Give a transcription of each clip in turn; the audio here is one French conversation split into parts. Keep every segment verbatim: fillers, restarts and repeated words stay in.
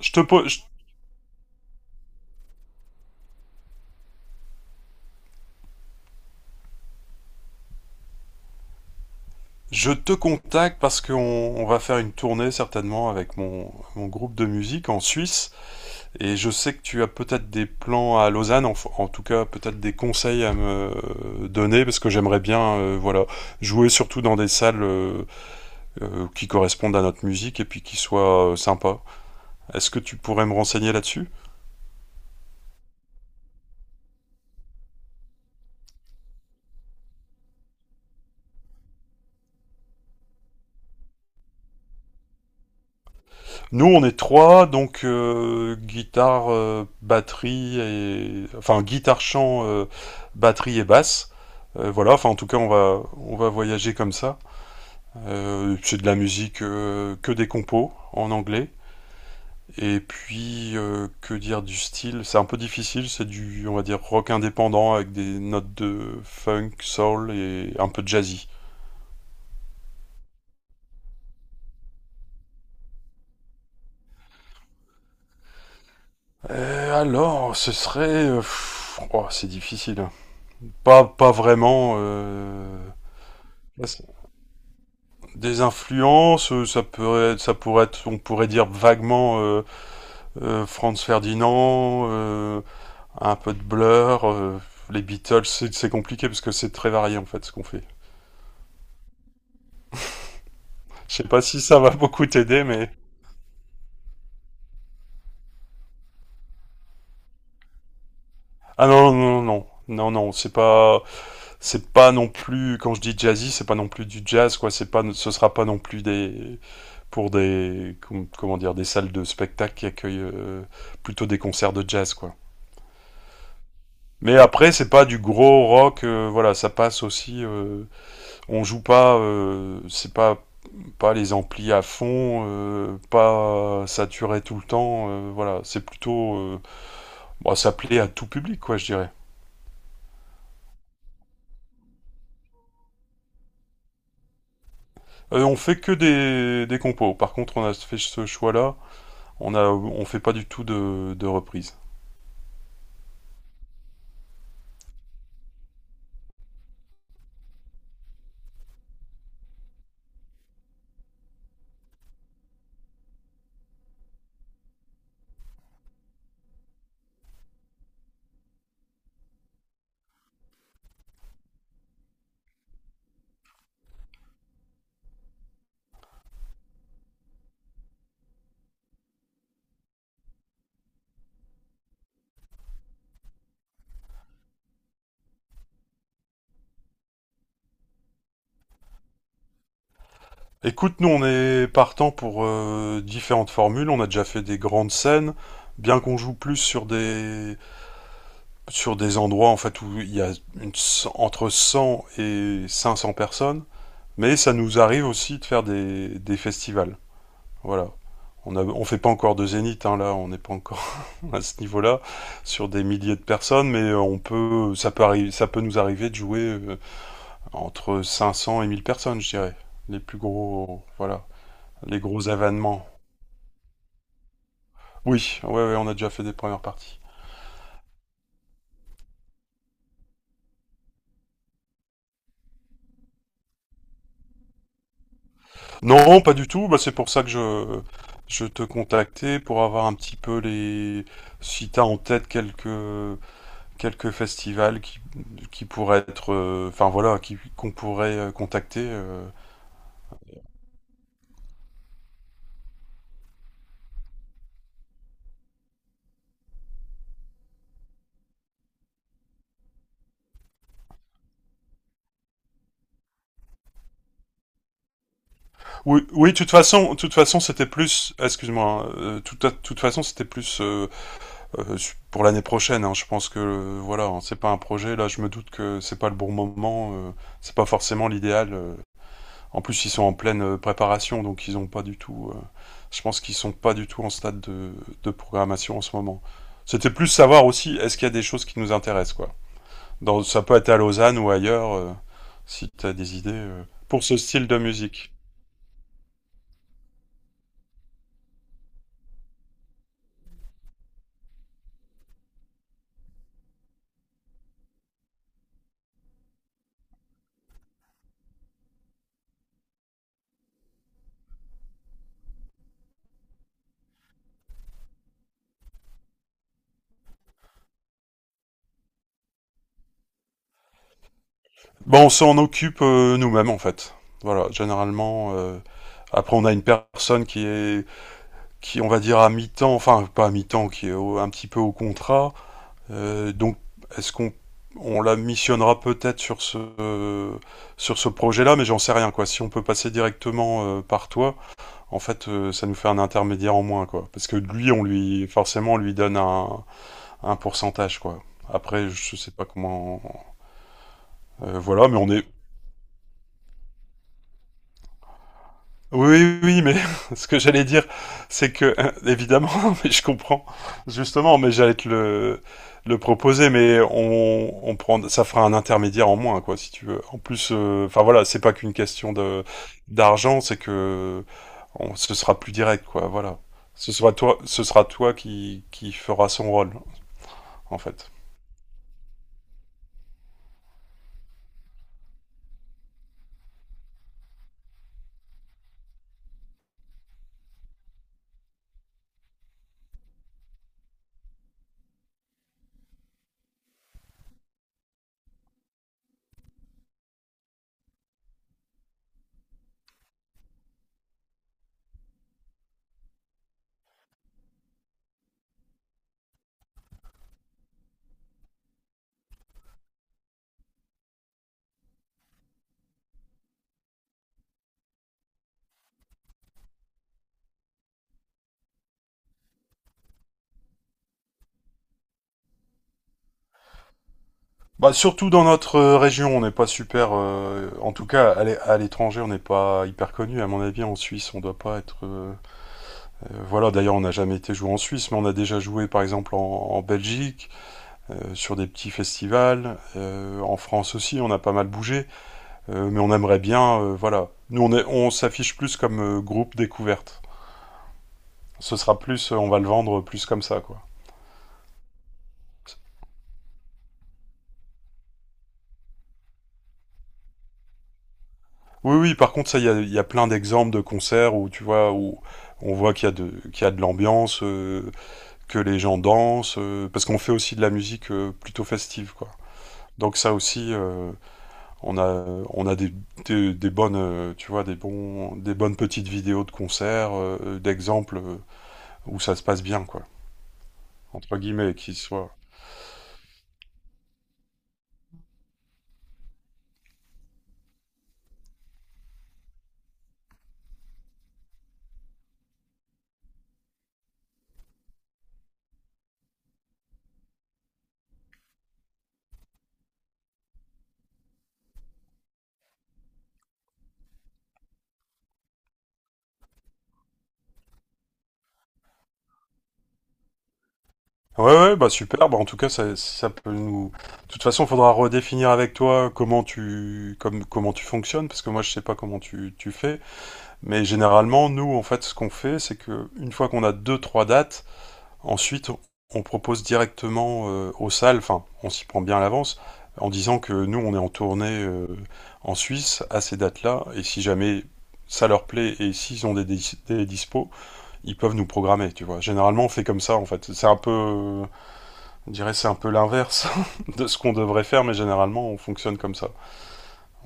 Je te, po- je- je te contacte parce qu'on on va faire une tournée certainement avec mon, mon groupe de musique en Suisse, et je sais que tu as peut-être des plans à Lausanne, en, en tout cas peut-être des conseils à me euh, donner parce que j'aimerais bien, euh, voilà, jouer surtout dans des salles euh, euh, qui correspondent à notre musique et puis qui soient euh, sympas. Est-ce que tu pourrais me renseigner là-dessus? Nous, on est trois, donc euh, guitare, euh, batterie et enfin guitare, chant, euh, batterie et basse. Euh, voilà, enfin en tout cas, on va on va voyager comme ça. Euh, c'est de la musique, euh, que des compos en anglais. Et puis euh, que dire du style? C'est un peu difficile, c'est du, on va dire, rock indépendant avec des notes de funk, soul et un peu de jazzy. Euh, alors, ce serait euh, pff, oh, c'est difficile. Pas pas vraiment. euh, Bah, c'est- Des influences, euh, ça pourrait, ça pourrait être, on pourrait dire vaguement, euh, euh, Franz Ferdinand, euh, un peu de Blur, euh, les Beatles. C'est c'est compliqué parce que c'est très varié en fait ce qu'on fait. Je sais pas si ça va beaucoup t'aider, mais ah non non non non non non, c'est pas c'est pas non plus, quand je dis jazzy, c'est pas non plus du jazz quoi, c'est pas ce sera pas non plus des, pour des com- comment dire, des salles de spectacle qui accueillent euh, plutôt des concerts de jazz quoi. Mais après, c'est pas du gros rock, euh, voilà, ça passe aussi. Euh, on joue pas, euh, c'est pas pas les amplis à fond, euh, pas saturé tout le temps, euh, voilà, c'est plutôt, euh, bon, ça plaît à tout public, quoi, je dirais. Euh, on fait que des, des compos. Par contre, on a fait ce choix-là, on a, on fait pas du tout de, de reprises. Écoute, nous, on est partant pour euh, différentes formules. On a déjà fait des grandes scènes, bien qu'on joue plus sur des sur des endroits en fait où il y a une- entre cent et cinq cents personnes, mais ça nous arrive aussi de faire des, des festivals. Voilà. On ne on fait pas encore de zénith, hein, là, on n'est pas encore à ce niveau-là, sur des milliers de personnes, mais on peut, ça peut arriver, ça peut nous arriver de jouer, euh, entre cinq cents et mille personnes, je dirais. Les plus gros, voilà, les gros événements. Oui, ouais, ouais, on a déjà fait des premières parties. Non, pas du tout. Bah, c'est pour ça que je, je te contactais pour avoir un petit peu les, si t'as en tête quelques, quelques festivals qui, qui pourraient être, euh, enfin voilà, qui, qu'on pourrait euh, contacter. euh. Oui, oui, de toute façon, de toute façon, c'était plus, excuse-moi, hein, euh, tout à- de toute façon, c'était plus euh, euh, su- pour l'année prochaine, hein. Je pense que, euh, voilà, hein, c'est pas un projet. Là, je me doute que c'est pas le bon moment, euh, c'est pas forcément l'idéal. euh. En plus, ils sont en pleine euh, préparation, donc ils ont pas du tout. Euh, je pense qu'ils sont pas du tout en stade de, de programmation en ce moment. C'était plus savoir aussi, est-ce qu'il y a des choses qui nous intéressent, quoi. Dans, ça peut être à Lausanne ou ailleurs, euh, si tu as des idées euh, pour ce style de musique. Bon, on s'en occupe euh, nous-mêmes, en fait. Voilà, généralement. Euh, après, on a une personne qui est, qui, on va dire, à mi-temps, enfin, pas à mi-temps, qui est au- un petit peu au contrat. Euh, donc, est-ce qu'on on la missionnera peut-être sur ce, euh, sur ce projet-là, mais j'en sais rien quoi. Si on peut passer directement euh, par toi, en fait, euh, ça nous fait un intermédiaire en moins quoi. Parce que lui, on lui forcément on lui donne un, un pourcentage quoi. Après, je sais pas comment. Euh, voilà, mais on est, oui, oui, oui, mais ce que j'allais dire, c'est que, hein, évidemment, mais je comprends, justement, mais j'allais te le, le proposer, mais on, on prend, ça fera un intermédiaire en moins, quoi, si tu veux. En plus, euh, enfin voilà, c'est pas qu'une question de d'argent, c'est que on, ce sera plus direct, quoi, voilà. Ce sera toi, ce sera toi qui, qui fera son rôle, en fait. Bah, surtout dans notre, euh, région, on n'est pas super, euh, en tout cas à l'é- à l'étranger, on n'est pas hyper connu. À mon avis, en Suisse, on doit pas être. euh, Euh, voilà, d'ailleurs, on n'a jamais été joué en Suisse, mais on a déjà joué par exemple en, en Belgique, euh, sur des petits festivals, euh, en France aussi, on a pas mal bougé, euh, mais on aimerait bien, euh, voilà. Nous, on est- on s'affiche plus comme euh, groupe découverte. Ce sera plus, euh, on va le vendre plus comme ça, quoi. Oui, oui, par contre, ça, il y a, il y a plein d'exemples de concerts où, tu vois, où on voit qu'il y a de, qu'il y a de l'ambiance, euh, que les gens dansent, euh, parce qu'on fait aussi de la musique, euh, plutôt festive, quoi. Donc ça aussi, euh, On a, on a des, des, des bonnes, euh, tu vois, des bons, des bonnes petites vidéos de concerts, euh, d'exemples, euh, où ça se passe bien, quoi. Entre guillemets, qui soit. Ouais, ouais, bah super. Bah en tout cas, ça, ça peut nous. De toute façon, faudra redéfinir avec toi comment tu, comme, comment tu fonctionnes, parce que moi, je sais pas comment tu, tu fais. Mais généralement, nous, en fait, ce qu'on fait, c'est que une fois qu'on a deux, trois dates, ensuite, on propose directement euh, aux salles, enfin, on s'y prend bien à l'avance, en disant que nous, on est en tournée euh, en Suisse à ces dates-là, et si jamais ça leur plaît et s'ils ont des, dis- des dispos, ils peuvent nous programmer, tu vois. Généralement, on fait comme ça, en fait. C'est un peu, euh, je dirais, c'est un peu l'inverse de ce qu'on devrait faire, mais généralement, on fonctionne comme ça.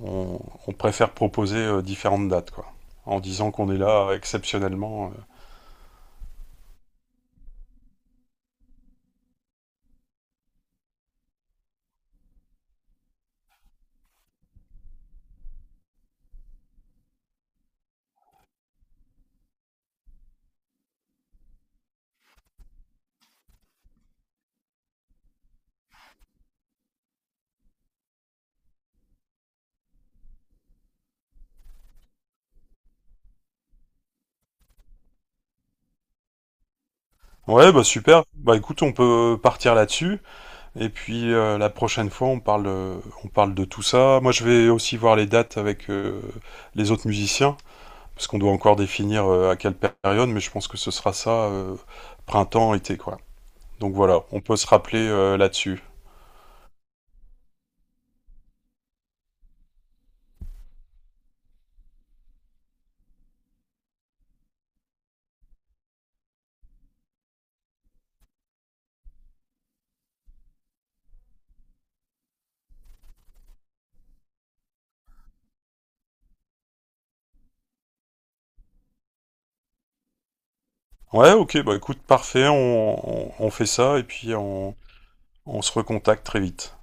On, on préfère proposer euh, différentes dates, quoi, en disant qu'on est là euh, exceptionnellement. euh. Ouais, bah super. Bah écoute, on peut partir là-dessus. Et puis euh, la prochaine fois, on parle, euh, on parle de tout ça. Moi, je vais aussi voir les dates avec euh, les autres musiciens, parce qu'on doit encore définir euh, à quelle période, mais je pense que ce sera ça, euh, printemps, été, quoi. Donc voilà, on peut se rappeler euh, là-dessus. Ouais, ok, bah écoute, parfait, on, on, on fait ça, et puis on, on se recontacte très vite.